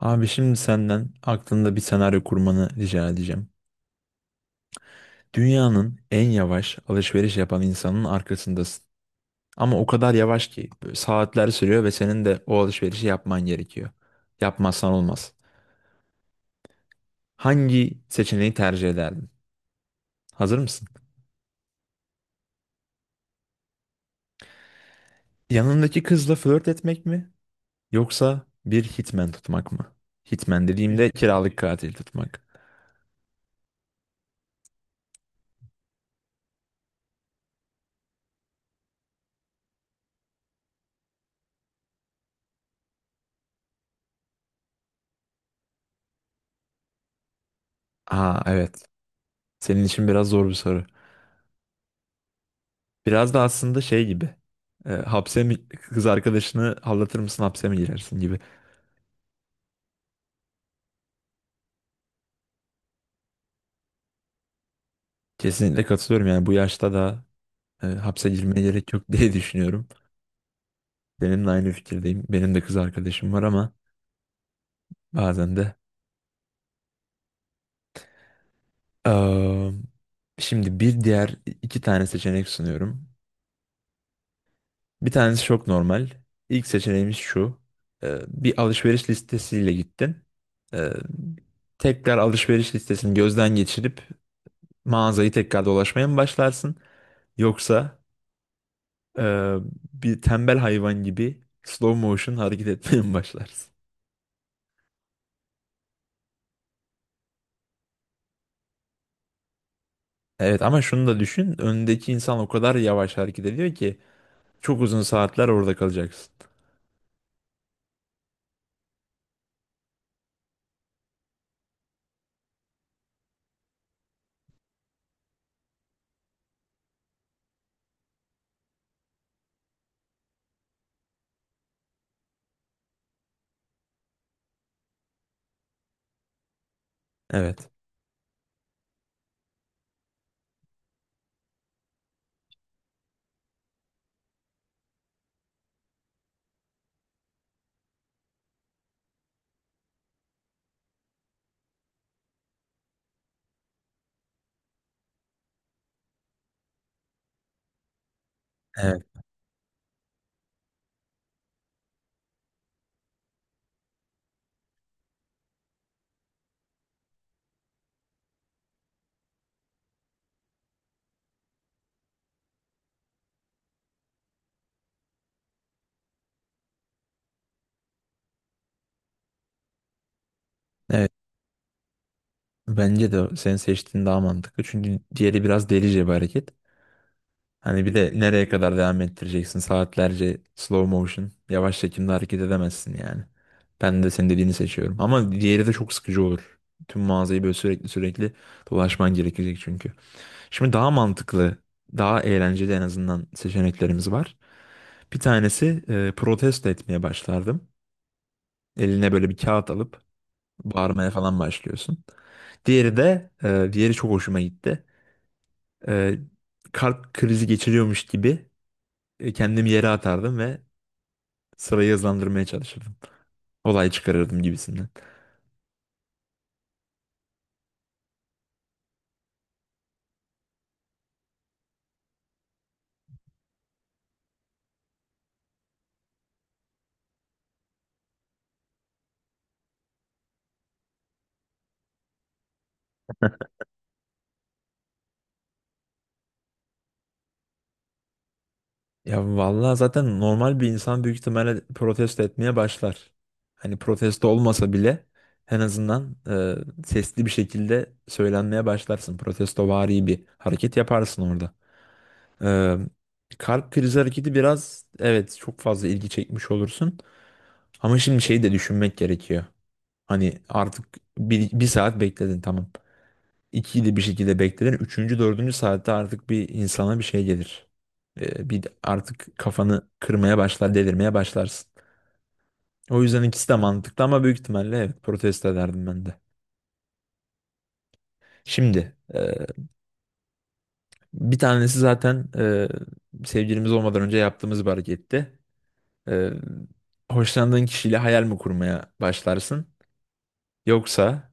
Abi şimdi senden aklında bir senaryo kurmanı rica edeceğim. Dünyanın en yavaş alışveriş yapan insanın arkasındasın. Ama o kadar yavaş ki böyle saatler sürüyor ve senin de o alışverişi yapman gerekiyor. Yapmazsan olmaz. Hangi seçeneği tercih ederdin? Hazır mısın? Yanındaki kızla flört etmek mi? Yoksa bir hitman tutmak mı? Hitman dediğimde kiralık katil tutmak. Aa evet. Senin için biraz zor bir soru. Biraz da aslında şey gibi. Hapse mi kız arkadaşını aldatır mısın hapse mi girersin gibi. Kesinlikle katılıyorum yani bu yaşta da hapse girmeye gerek yok diye düşünüyorum. Seninle aynı fikirdeyim. Benim de kız arkadaşım var ama bazen de. Eee, Şimdi bir diğer iki tane seçenek sunuyorum. Bir tanesi çok normal. İlk seçeneğimiz şu. Bir alışveriş listesiyle gittin. E, Tekrar alışveriş listesini gözden geçirip mağazayı tekrar dolaşmaya mı başlarsın? Yoksa e, bir tembel hayvan gibi slow motion hareket etmeye mi başlarsın? Evet ama şunu da düşün. Öndeki insan o kadar yavaş hareket ediyor ki çok uzun saatler orada kalacaksın. Evet. Evet. Evet. Bence de senin seçtiğin daha mantıklı. Çünkü diğeri biraz delice bir hareket. Hani bir de nereye kadar devam ettireceksin? Saatlerce slow motion, yavaş çekimde hareket edemezsin yani. Ben de senin dediğini seçiyorum. Ama diğeri de çok sıkıcı olur. Tüm mağazayı böyle sürekli dolaşman gerekecek çünkü. Şimdi daha mantıklı, daha eğlenceli en azından seçeneklerimiz var. Bir tanesi protesto etmeye başlardım. Eline böyle bir kağıt alıp bağırmaya falan başlıyorsun. Diğeri de, diğeri çok hoşuma gitti. E, Kalp krizi geçiriyormuş gibi kendimi yere atardım ve sırayı hızlandırmaya çalışırdım. Olay çıkarırdım gibisinden. Ya vallahi zaten normal bir insan büyük ihtimalle protesto etmeye başlar. Hani protesto olmasa bile en azından sesli bir şekilde söylenmeye başlarsın. Protestovari bir hareket yaparsın orada. E, Kalp krizi hareketi biraz evet çok fazla ilgi çekmiş olursun. Ama şimdi şeyi de düşünmek gerekiyor. Hani artık bir saat bekledin tamam. İkiyi de bir şekilde bekledin. Üçüncü, dördüncü saatte artık bir insana bir şey gelir. Bir artık kafanı kırmaya başlar, delirmeye başlarsın. O yüzden ikisi de mantıklı ama büyük ihtimalle evet protesto ederdim ben de. Şimdi bir tanesi zaten sevgilimiz olmadan önce yaptığımız bir hareketti. E, Hoşlandığın kişiyle hayal mi kurmaya başlarsın? Yoksa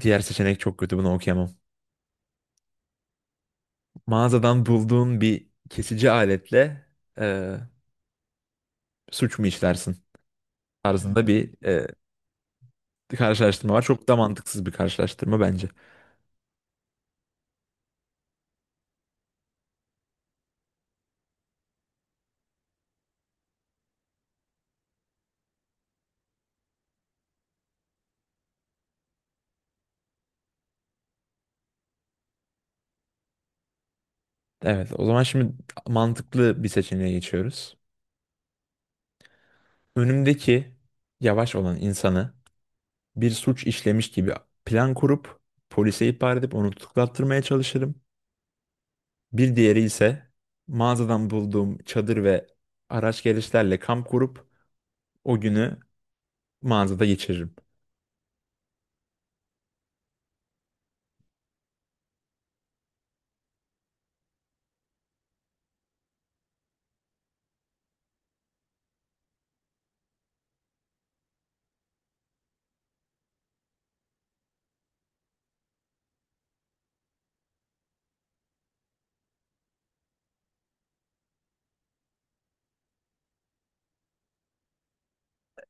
diğer seçenek çok kötü bunu okuyamam. Mağazadan bulduğun bir kesici aletle e, suç mu işlersin tarzında bir karşılaştırma var. Çok da mantıksız bir karşılaştırma bence. Evet, o zaman şimdi mantıklı bir seçeneğe geçiyoruz. Önümdeki yavaş olan insanı bir suç işlemiş gibi plan kurup polise ihbar edip onu tutuklattırmaya çalışırım. Bir diğeri ise mağazadan bulduğum çadır ve araç gereçlerle kamp kurup o günü mağazada geçiririm.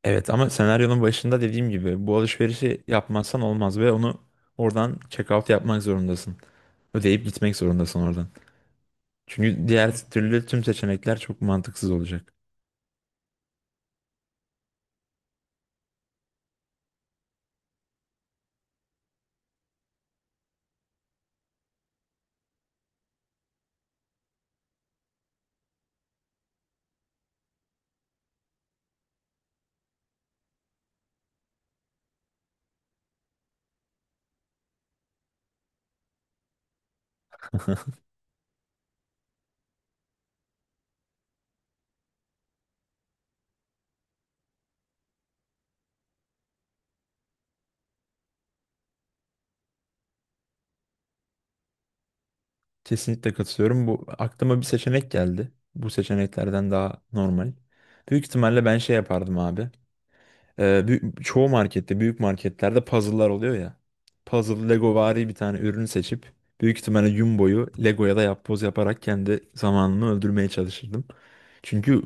Evet ama senaryonun başında dediğim gibi bu alışverişi yapmazsan olmaz ve onu oradan check out yapmak zorundasın. Ödeyip gitmek zorundasın oradan. Çünkü diğer türlü tüm seçenekler çok mantıksız olacak. Kesinlikle katılıyorum. Bu aklıma bir seçenek geldi. Bu seçeneklerden daha normal. Büyük ihtimalle ben şey yapardım abi. Çoğu markette, büyük marketlerde puzzle'lar oluyor ya. Puzzle Legovari bir tane ürünü seçip büyük ihtimalle Jumbo'yu Lego'ya da yapboz yaparak kendi zamanımı öldürmeye çalışırdım. Çünkü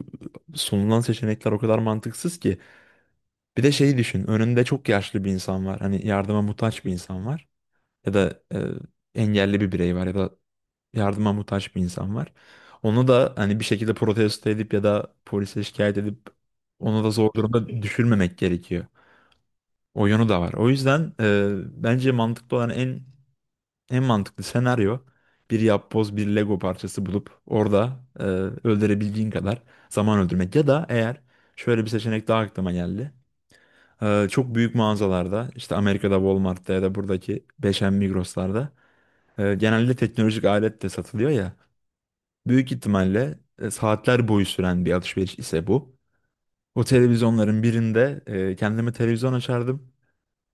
sunulan seçenekler o kadar mantıksız ki. Bir de şeyi düşün. Önünde çok yaşlı bir insan var. Hani yardıma muhtaç bir insan var. Ya da engelli bir birey var ya da yardıma muhtaç bir insan var. Onu da hani bir şekilde protesto edip ya da polise şikayet edip onu da zor durumda düşürmemek gerekiyor. O yönü de var. O yüzden bence mantıklı olan en mantıklı senaryo bir yapboz bir Lego parçası bulup orada öldürebildiğin kadar zaman öldürmek. Ya da eğer şöyle bir seçenek daha aklıma geldi. Çok büyük mağazalarda işte Amerika'da Walmart'ta ya da buradaki 5M Migros'larda genelde teknolojik alet de satılıyor ya. Büyük ihtimalle saatler boyu süren bir alışveriş ise bu. O televizyonların birinde kendime televizyon açardım.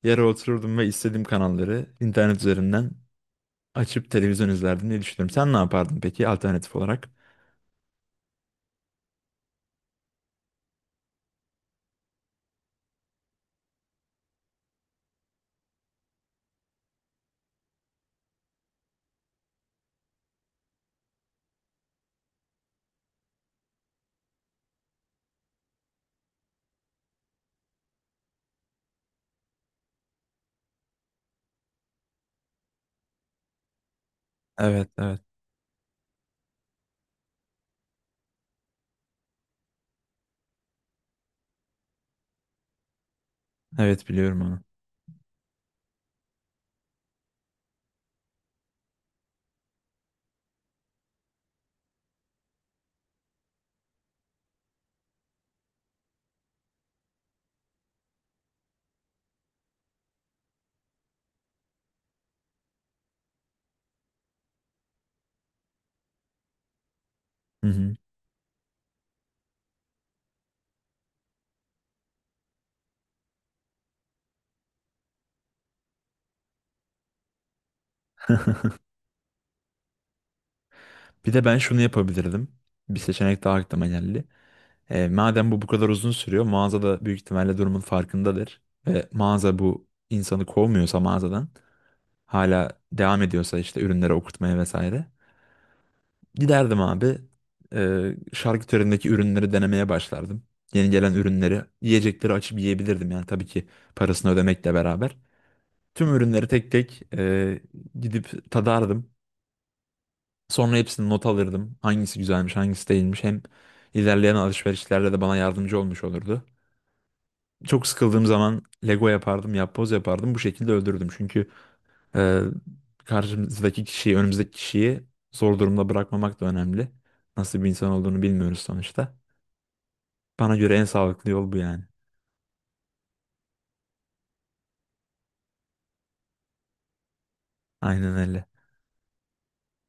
Yere otururdum ve istediğim kanalları internet üzerinden açıp televizyon izlerdim diye düşünüyorum. Sen ne yapardın peki alternatif olarak? Evet, evet. Evet biliyorum onu. Hı hı. Bir de ben şunu yapabilirdim. Bir seçenek daha aklıma geldi. Madem bu kadar uzun sürüyor, mağaza da büyük ihtimalle durumun farkındadır. Ve mağaza bu insanı kovmuyorsa mağazadan hala devam ediyorsa işte ürünleri okurtmaya vesaire. Giderdim abi şarküterindeki ürünleri denemeye başlardım. Yeni gelen ürünleri, yiyecekleri açıp yiyebilirdim yani tabii ki parasını ödemekle beraber. Tüm ürünleri tek tek gidip tadardım. Sonra hepsini not alırdım. Hangisi güzelmiş, hangisi değilmiş. Hem ilerleyen alışverişlerde de bana yardımcı olmuş olurdu. Çok sıkıldığım zaman Lego yapardım, yapboz yapardım. Bu şekilde öldürdüm. Çünkü Ee, karşımızdaki kişiyi, önümüzdeki kişiyi zor durumda bırakmamak da önemli. Nasıl bir insan olduğunu bilmiyoruz sonuçta. Bana göre en sağlıklı yol bu yani. Aynen öyle.